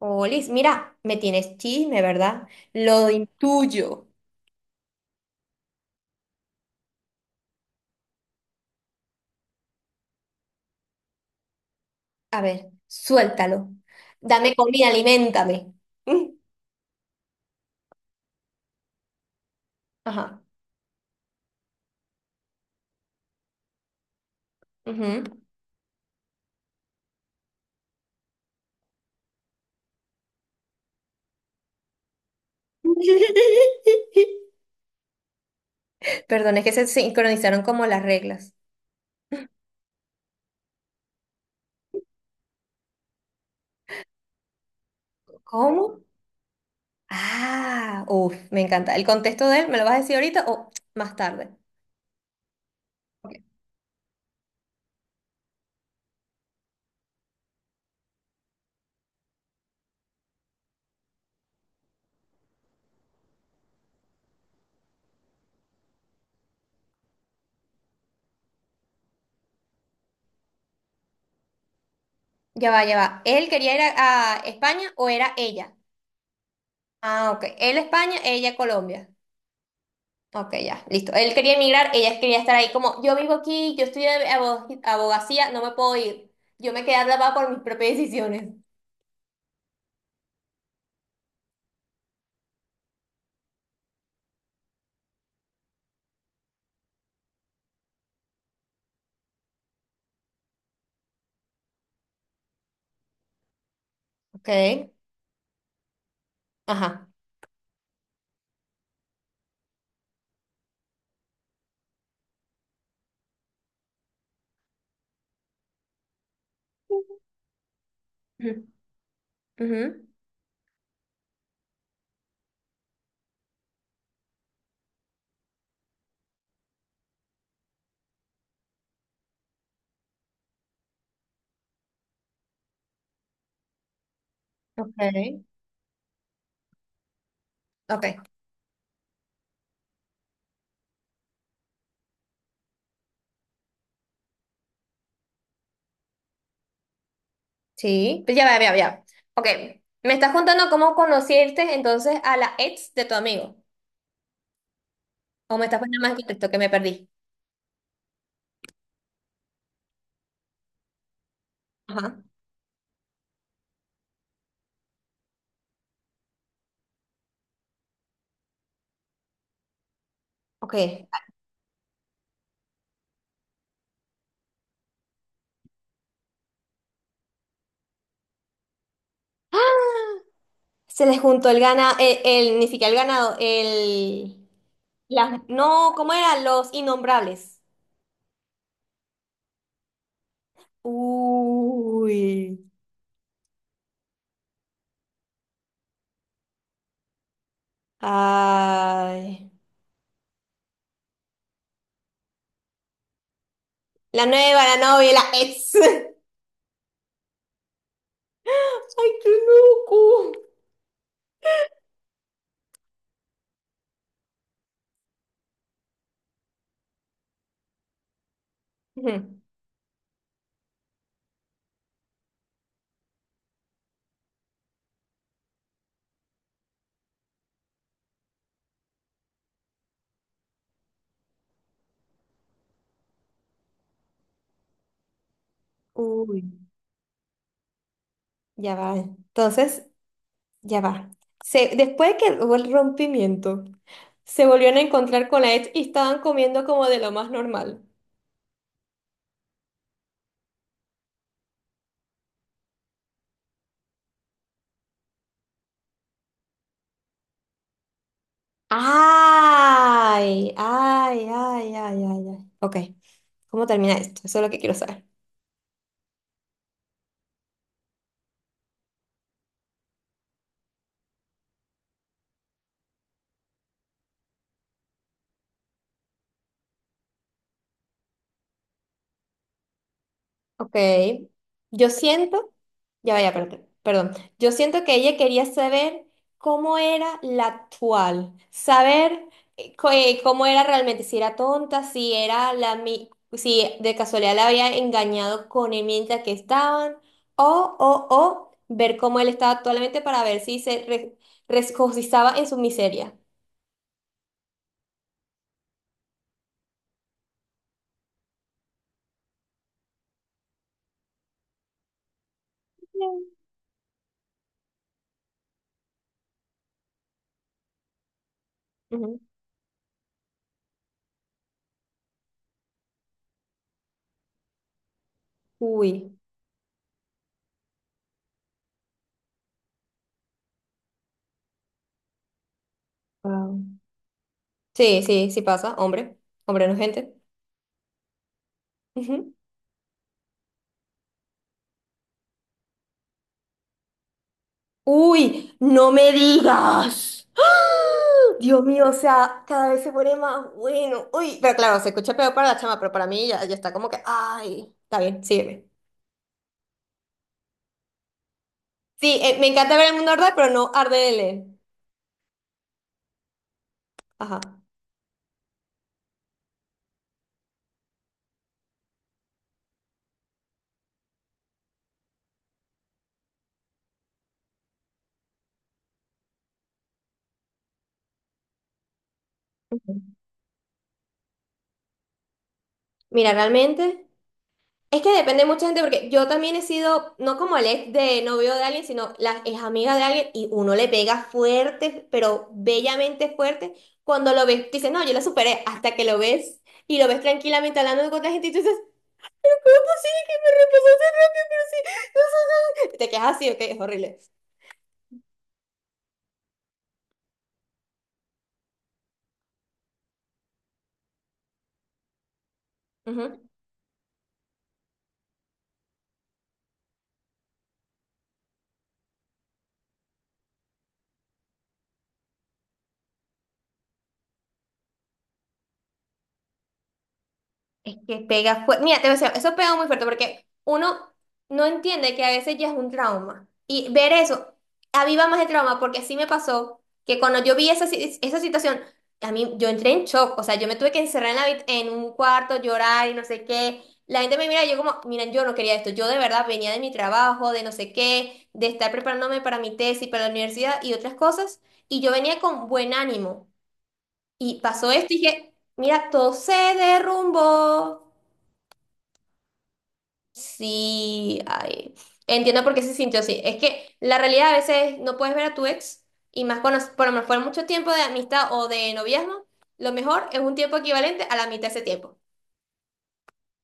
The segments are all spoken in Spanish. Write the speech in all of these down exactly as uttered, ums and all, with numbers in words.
Olis, mira, me tienes chisme, ¿verdad? Lo intuyo. A ver, suéltalo. Dame comida, aliméntame. Mm, ajá. Ujú. Perdón, es que se sincronizaron como las reglas. ¿Cómo? Ah, uff, me encanta. ¿El contexto de él me lo vas a decir ahorita o más tarde? Ya va, ya va. ¿Él quería ir a, a España o era ella? Ah, ok. Él España, ella Colombia. Ok, ya, listo. Él quería emigrar, ella quería estar ahí como, yo vivo aquí, yo estudio abo- abogacía, no me puedo ir. Yo me quedé atrapada por mis propias decisiones. Ok, ajá. Ujú. Ujú. Ok, ok. Sí, pues ya, ya, ya, ya. Ok, me estás contando cómo conociste entonces a la ex de tu amigo. O me estás poniendo más contexto que me perdí. Ajá. Ok. Se les juntó el gana, el, el- ni siquiera el ganado, el... Las, no, ¿cómo eran? Los innombrables. Uy. Ay. La nueva, la novia, la ex. Ay, qué loco. Ujú. Uy, ya va. Entonces, ya va. Se, después de que hubo el rompimiento, se volvieron a encontrar con la ex y estaban comiendo como de lo más normal. Ay, ay, ay, ay, ay, ay. Ok, ¿cómo termina esto? Eso es lo que quiero saber. Ok. Yo siento, ya vaya, perdón, perdón. Yo siento que ella quería saber cómo era la actual, saber eh, co- eh, cómo era realmente, si era tonta, si era la mi- si de casualidad la había engañado con el mientras que estaban, o, o, o ver cómo él estaba actualmente para ver si se re- regocijaba en su miseria. Bien. Ujú. Uy. Wow. Sí, sí, sí pasa, hombre. Hombre no es gente. Uy, no me digas. ¡Ah! Dios mío, o sea, cada vez se pone más bueno. Uy, pero claro, se escucha peor para la chama, pero para mí ya, ya está como que, ay, está bien, sígueme. Sí, eh, me encanta ver el mundo arder, pero no arde de leer. Ajá. Ujú. Mira, realmente. Es que depende mucha gente, porque yo también he sido, no como el ex de novio de alguien, sino la ex amiga de alguien, y uno le pega fuerte, pero bellamente fuerte, cuando lo ves, tú dices, no, yo la superé, hasta que lo ves y lo ves tranquilamente hablando con otra gente, y tú dices, pero ¿cómo es posible que me reemplazaste rápido? Pero sí, no, no, no". Te quedas así, ok, es horrible. Es que pega fuerte. Mira, te voy a decir, eso pega muy fuerte porque uno no entiende que a veces ya es un trauma. Y ver eso aviva más el trauma porque así me pasó que cuando yo vi esa, si- esa situación, a mí yo entré en shock. O sea, yo me tuve que encerrar en, la habit- en un cuarto, llorar y no sé qué. La gente me mira y yo como, miren, yo no quería esto. Yo de verdad venía de mi trabajo, de no sé qué, de estar preparándome para mi tesis, para la universidad y otras cosas. Y yo venía con buen ánimo. Y pasó esto y dije, mira, todo se derrumbó. Sí, ay, entiendo por qué se sintió así. Es que la realidad a veces no puedes ver a tu ex y más cuando, por lo mejor mucho tiempo de amistad o de noviazgo, lo mejor es un tiempo equivalente a la mitad de ese tiempo,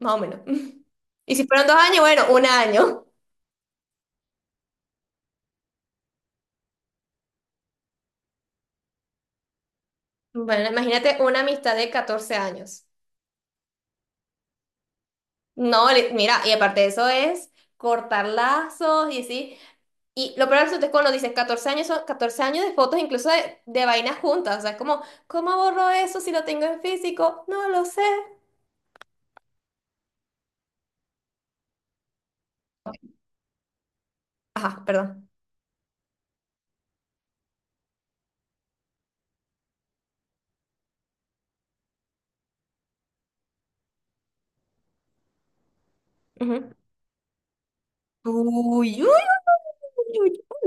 más o menos. Y si fueron dos años, bueno, un año. Bueno, imagínate una amistad de catorce años. No, li- mira, y aparte de eso es cortar lazos y así. Y lo peor es que cuando dices catorce años, son catorce años de fotos, incluso de, de vainas juntas. O sea, es como, ¿cómo borro eso si lo tengo en físico? No lo sé. Ajá, perdón. Ujú. Uy, uy, uy, uy.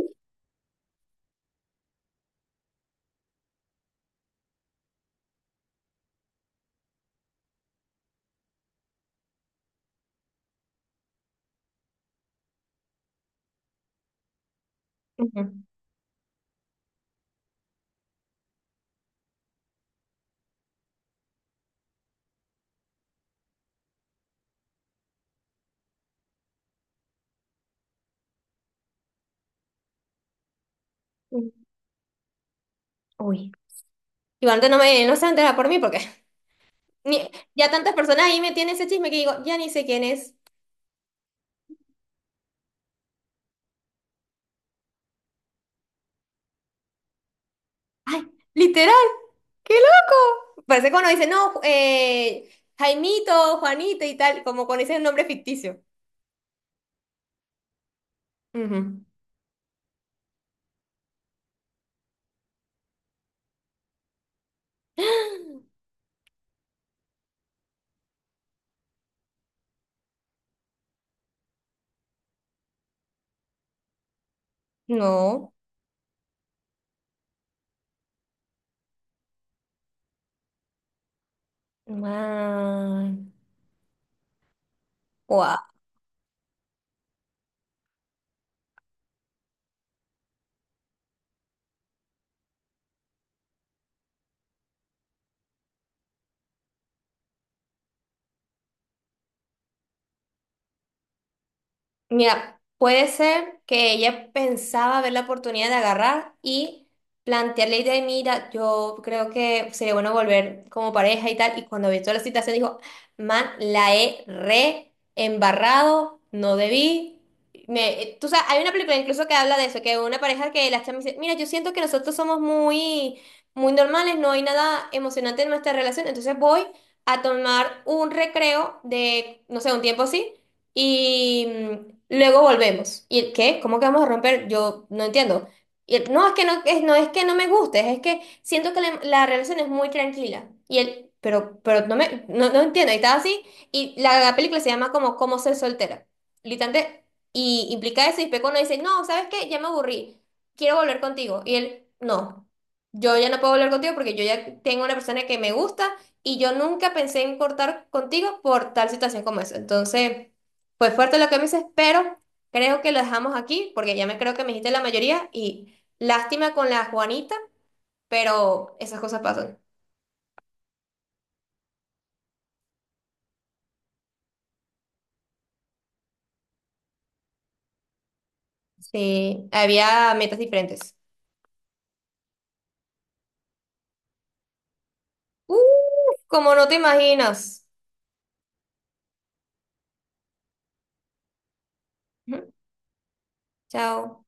Ujú. Uy. Uy. Igualmente no me, no se va a enterar por mí porque ni- ya tantas personas ahí me tienen ese chisme que digo, ya ni sé quién es. Ay, literal. ¡Qué loco! Parece cuando dicen, no, eh, Jaimito, Juanito y tal, como cuando dicen un nombre ficticio. Ujú. No. Wow. Mira, puede ser que ella pensaba ver la oportunidad de agarrar y plantearle la idea de, mira, yo creo que sería bueno volver como pareja y tal. Y cuando vio toda la situación dijo, man, la he re embarrado, no debí. Me, tú sabes, hay una película incluso que habla de eso, que una pareja que la chama dice, mira, yo siento que nosotros somos muy, muy normales, no hay nada emocionante en nuestra relación, entonces voy a tomar un recreo de, no sé, un tiempo así y mm, luego volvemos. ¿Y el qué? ¿Cómo que vamos a romper? Yo no entiendo. Y él, no, es que no es, no es que no me guste, es que siento que la, la relación es muy tranquila. Y él, pero, pero no me, no, no entiendo. Y estaba así. Y la, la película se llama como Cómo ser soltera. Literalmente, y implica eso. Y Peco no dice, no, ¿sabes qué? Ya me aburrí. Quiero volver contigo. Y él, no. Yo ya no puedo volver contigo porque yo ya tengo una persona que me gusta y yo nunca pensé en cortar contigo por tal situación como esa. Entonces. Fue fuerte lo que me dices, pero creo que lo dejamos aquí porque ya me creo que me dijiste la mayoría y lástima con la Juanita, pero esas cosas pasan. Sí, había metas diferentes. ¡Uh! Como no te imaginas. Ujú. Chao.